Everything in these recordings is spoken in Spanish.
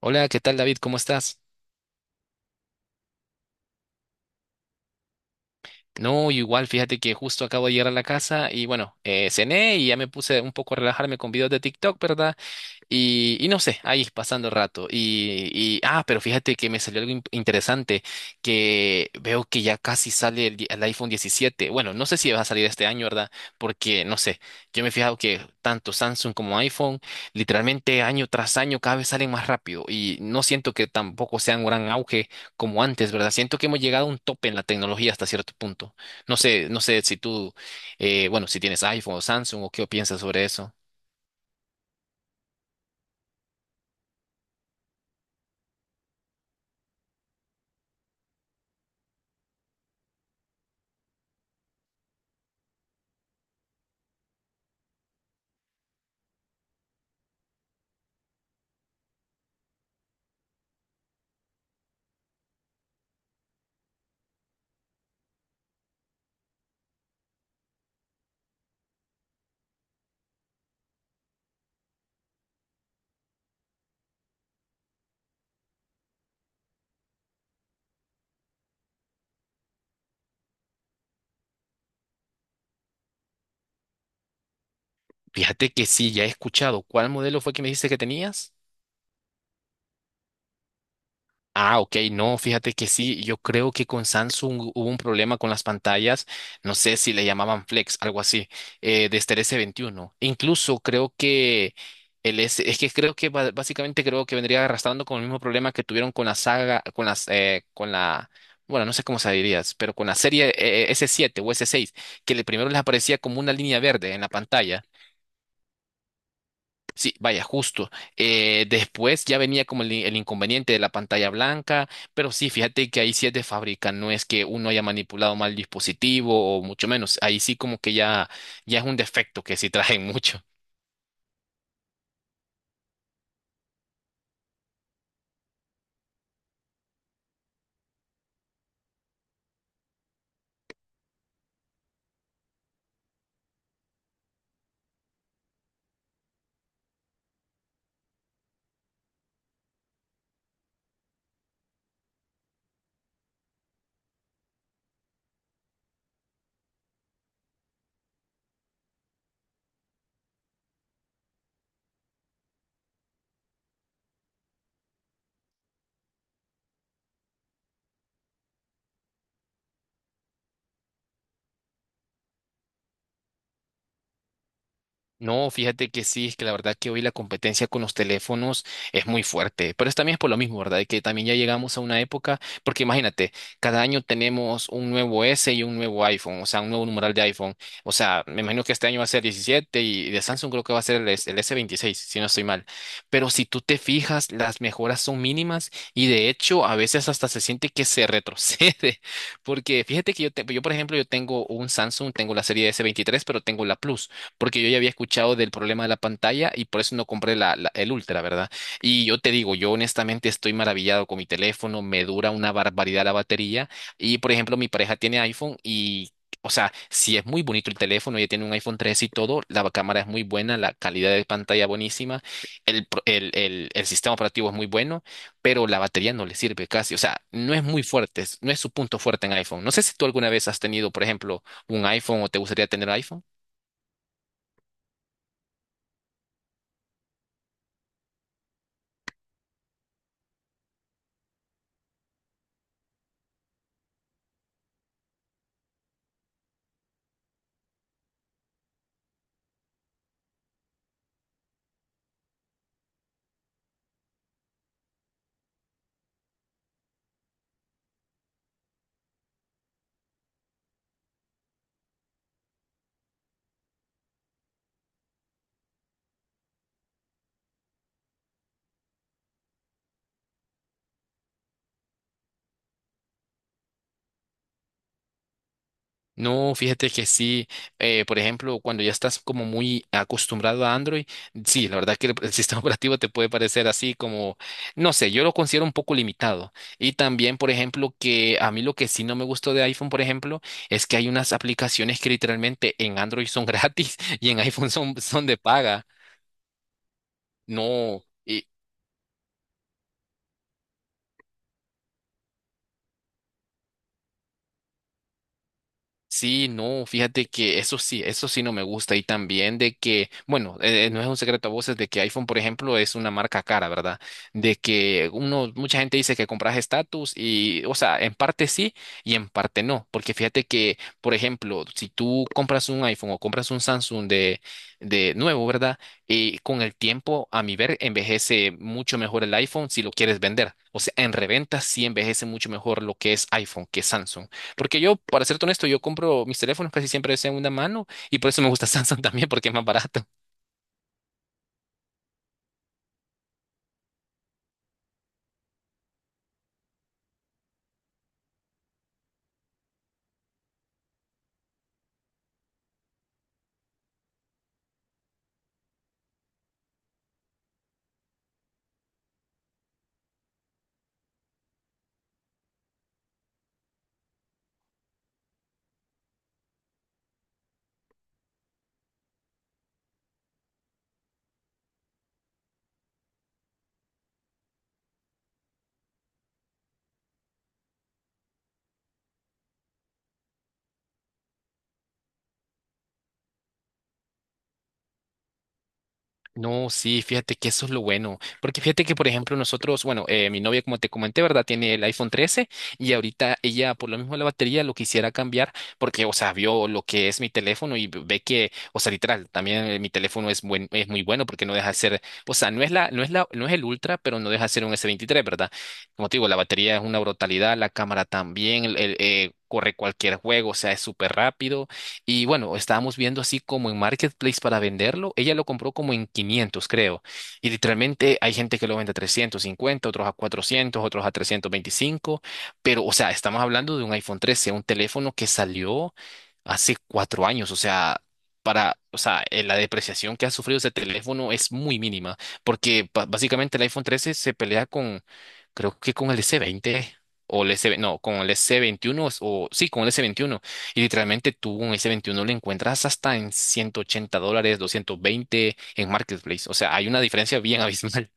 Hola, ¿qué tal, David? ¿Cómo estás? No, igual, fíjate que justo acabo de llegar a la casa y bueno, cené y ya me puse un poco a relajarme con videos de TikTok, ¿verdad? Y no sé, ahí pasando el rato. Pero fíjate que me salió algo interesante, que veo que ya casi sale el iPhone 17. Bueno, no sé si va a salir este año, ¿verdad? Porque, no sé, yo me he fijado que tanto Samsung como iPhone, literalmente año tras año cada vez salen más rápido. Y no siento que tampoco sea un gran auge como antes, ¿verdad? Siento que hemos llegado a un tope en la tecnología hasta cierto punto. No sé, no sé si tú, bueno, si tienes iPhone o Samsung o qué piensas sobre eso. Fíjate que sí, ya he escuchado. ¿Cuál modelo fue que me dijiste que tenías? Ah, ok, no, fíjate que sí. Yo creo que con Samsung hubo un problema con las pantallas. No sé si le llamaban Flex, algo así, desde el S21. Incluso creo que el S, es que creo que básicamente creo que vendría arrastrando con el mismo problema que tuvieron con la saga, con las, con la, bueno, no sé cómo se dirías, pero con la serie S7 o S6, que le primero les aparecía como una línea verde en la pantalla. Sí, vaya, justo. Después ya venía como el inconveniente de la pantalla blanca, pero sí, fíjate que ahí sí es de fábrica, no es que uno haya manipulado mal el dispositivo o mucho menos, ahí sí como que ya, ya es un defecto que sí traen mucho. No, fíjate que sí, es que la verdad que hoy la competencia con los teléfonos es muy fuerte, pero es también es por lo mismo, ¿verdad? Que también ya llegamos a una época, porque imagínate, cada año tenemos un nuevo S y un nuevo iPhone, o sea, un nuevo numeral de iPhone. O sea, me imagino que este año va a ser 17 y de Samsung creo que va a ser el S26, si no estoy mal. Pero si tú te fijas, las mejoras son mínimas y de hecho a veces hasta se siente que se retrocede, porque fíjate que yo por ejemplo, yo tengo un Samsung, tengo la serie S23, pero tengo la Plus porque yo ya había escuchado del problema de la pantalla y por eso no compré el Ultra, ¿verdad? Y yo te digo, yo honestamente estoy maravillado con mi teléfono, me dura una barbaridad la batería y, por ejemplo, mi pareja tiene iPhone y... O sea, si es muy bonito el teléfono, ella tiene un iPhone 3 y todo, la cámara es muy buena, la calidad de pantalla buenísima, el, pro- el sistema operativo es muy bueno, pero la batería no le sirve casi, o sea, no es muy fuerte, no es su punto fuerte en iPhone. No sé si tú alguna vez has tenido, por ejemplo, un iPhone o te gustaría tener iPhone. No, fíjate que sí, por ejemplo, cuando ya estás como muy acostumbrado a Android, sí, la verdad que el sistema operativo te puede parecer así como, no sé, yo lo considero un poco limitado. Y también, por ejemplo, que a mí lo que sí no me gustó de iPhone, por ejemplo, es que hay unas aplicaciones que literalmente en Android son gratis y en iPhone son de paga. No. Sí, no, fíjate que eso sí no me gusta y también de que, bueno, no es un secreto a voces de que iPhone, por ejemplo, es una marca cara, ¿verdad? De que uno, mucha gente dice que compras estatus y, o sea, en parte sí y en parte no, porque fíjate que, por ejemplo, si tú compras un iPhone o compras un Samsung de nuevo, ¿verdad? Y con el tiempo, a mi ver, envejece mucho mejor el iPhone si lo quieres vender. O sea, en reventa sí envejece mucho mejor lo que es iPhone que Samsung. Porque yo, para serte honesto, yo compro mis teléfonos casi siempre de segunda mano y por eso me gusta Samsung también porque es más barato. No, sí, fíjate que eso es lo bueno, porque fíjate que, por ejemplo, nosotros, bueno, mi novia, como te comenté, ¿verdad? Tiene el iPhone 13 y ahorita ella, por lo mismo de la batería, lo quisiera cambiar porque, o sea, vio lo que es mi teléfono y ve que, o sea, literal, también mi teléfono es buen, es muy bueno porque no deja de ser, o sea, no es el Ultra, pero no deja de ser un S23, ¿verdad? Como te digo, la batería es una brutalidad, la cámara también, corre cualquier juego, o sea, es súper rápido y bueno, estábamos viendo así como en Marketplace para venderlo. Ella lo compró como en 500, creo. Y literalmente hay gente que lo vende a 350, otros a 400, otros a 325. Pero, o sea, estamos hablando de un iPhone 13, un teléfono que salió hace 4 años. O sea, la depreciación que ha sufrido ese teléfono es muy mínima. Porque básicamente el iPhone 13 se pelea con, creo que con el S20 o el S, no, con el S21 o sí, con el S21. Y literalmente tú un S21 lo encuentras hasta en 180 dólares, 220 en Marketplace. O sea, hay una diferencia bien abismal.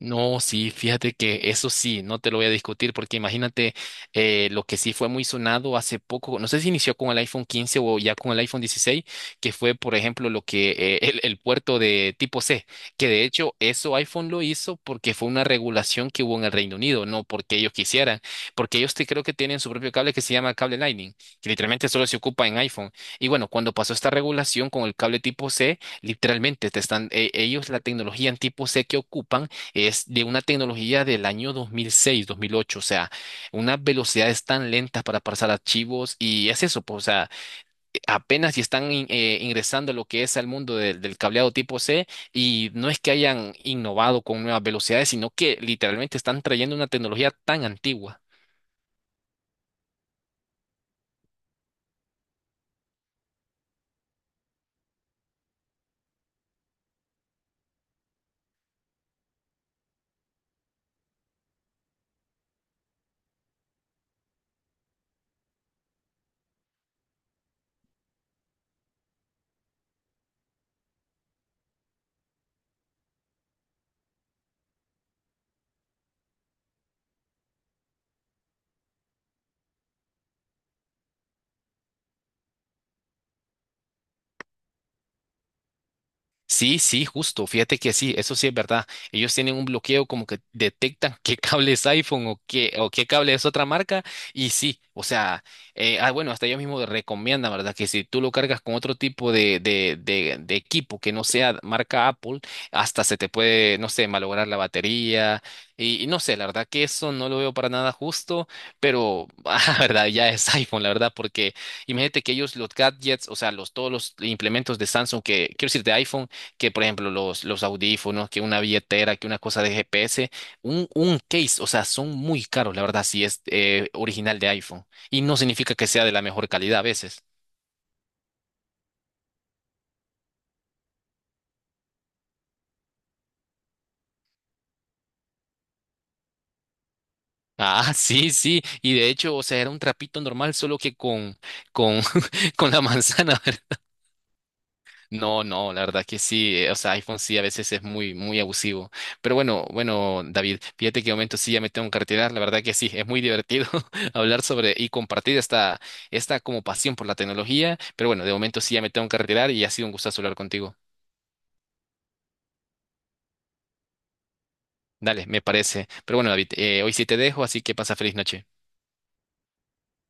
No, sí, fíjate que eso sí, no te lo voy a discutir porque imagínate lo que sí fue muy sonado hace poco, no sé si inició con el iPhone 15 o ya con el iPhone 16, que fue, por ejemplo, lo que el puerto de tipo C, que de hecho eso iPhone lo hizo porque fue una regulación que hubo en el Reino Unido, no porque ellos quisieran, porque creo que tienen su propio cable que se llama cable Lightning, que literalmente solo se ocupa en iPhone. Y bueno, cuando pasó esta regulación con el cable tipo C, literalmente te están, ellos la tecnología en tipo C que ocupan es de una tecnología del año 2006, 2008, o sea, unas velocidades tan lentas para pasar archivos y es eso, pues, o sea, apenas si están ingresando lo que es al mundo del cableado tipo C y no es que hayan innovado con nuevas velocidades, sino que literalmente están trayendo una tecnología tan antigua. Sí, sí, justo. Fíjate que sí, eso sí es verdad. Ellos tienen un bloqueo como que detectan qué cable es iPhone o qué cable es otra marca. Y sí, o sea, bueno, hasta ellos mismos recomiendan, ¿verdad? Que si tú lo cargas con otro tipo de equipo que no sea marca Apple, hasta se te puede, no sé, malograr la batería. Y no sé, la verdad que eso no lo veo para nada justo, pero, ah, verdad, ya es iPhone, la verdad, porque imagínate que ellos los gadgets, o sea, los, todos los implementos de Samsung que, quiero decir, de iPhone, que por ejemplo los audífonos, que una billetera, que una cosa de GPS, un case, o sea, son muy caros, la verdad, si es original de iPhone. Y no significa que sea de la mejor calidad a veces. Ah, sí, sí. Y de hecho, o sea, era un trapito normal, solo que con, con la manzana, No, no, la verdad que sí, o sea, iPhone sí a veces es muy, muy abusivo. Pero bueno, bueno, David, fíjate que de momento sí ya me tengo que retirar, la verdad que sí, es muy divertido hablar sobre y compartir esta, esta como pasión por la tecnología. Pero bueno, de momento sí ya me tengo que retirar y ha sido un gustazo hablar contigo. Dale, me parece. Pero bueno, David, hoy sí te dejo, así que pasa feliz noche.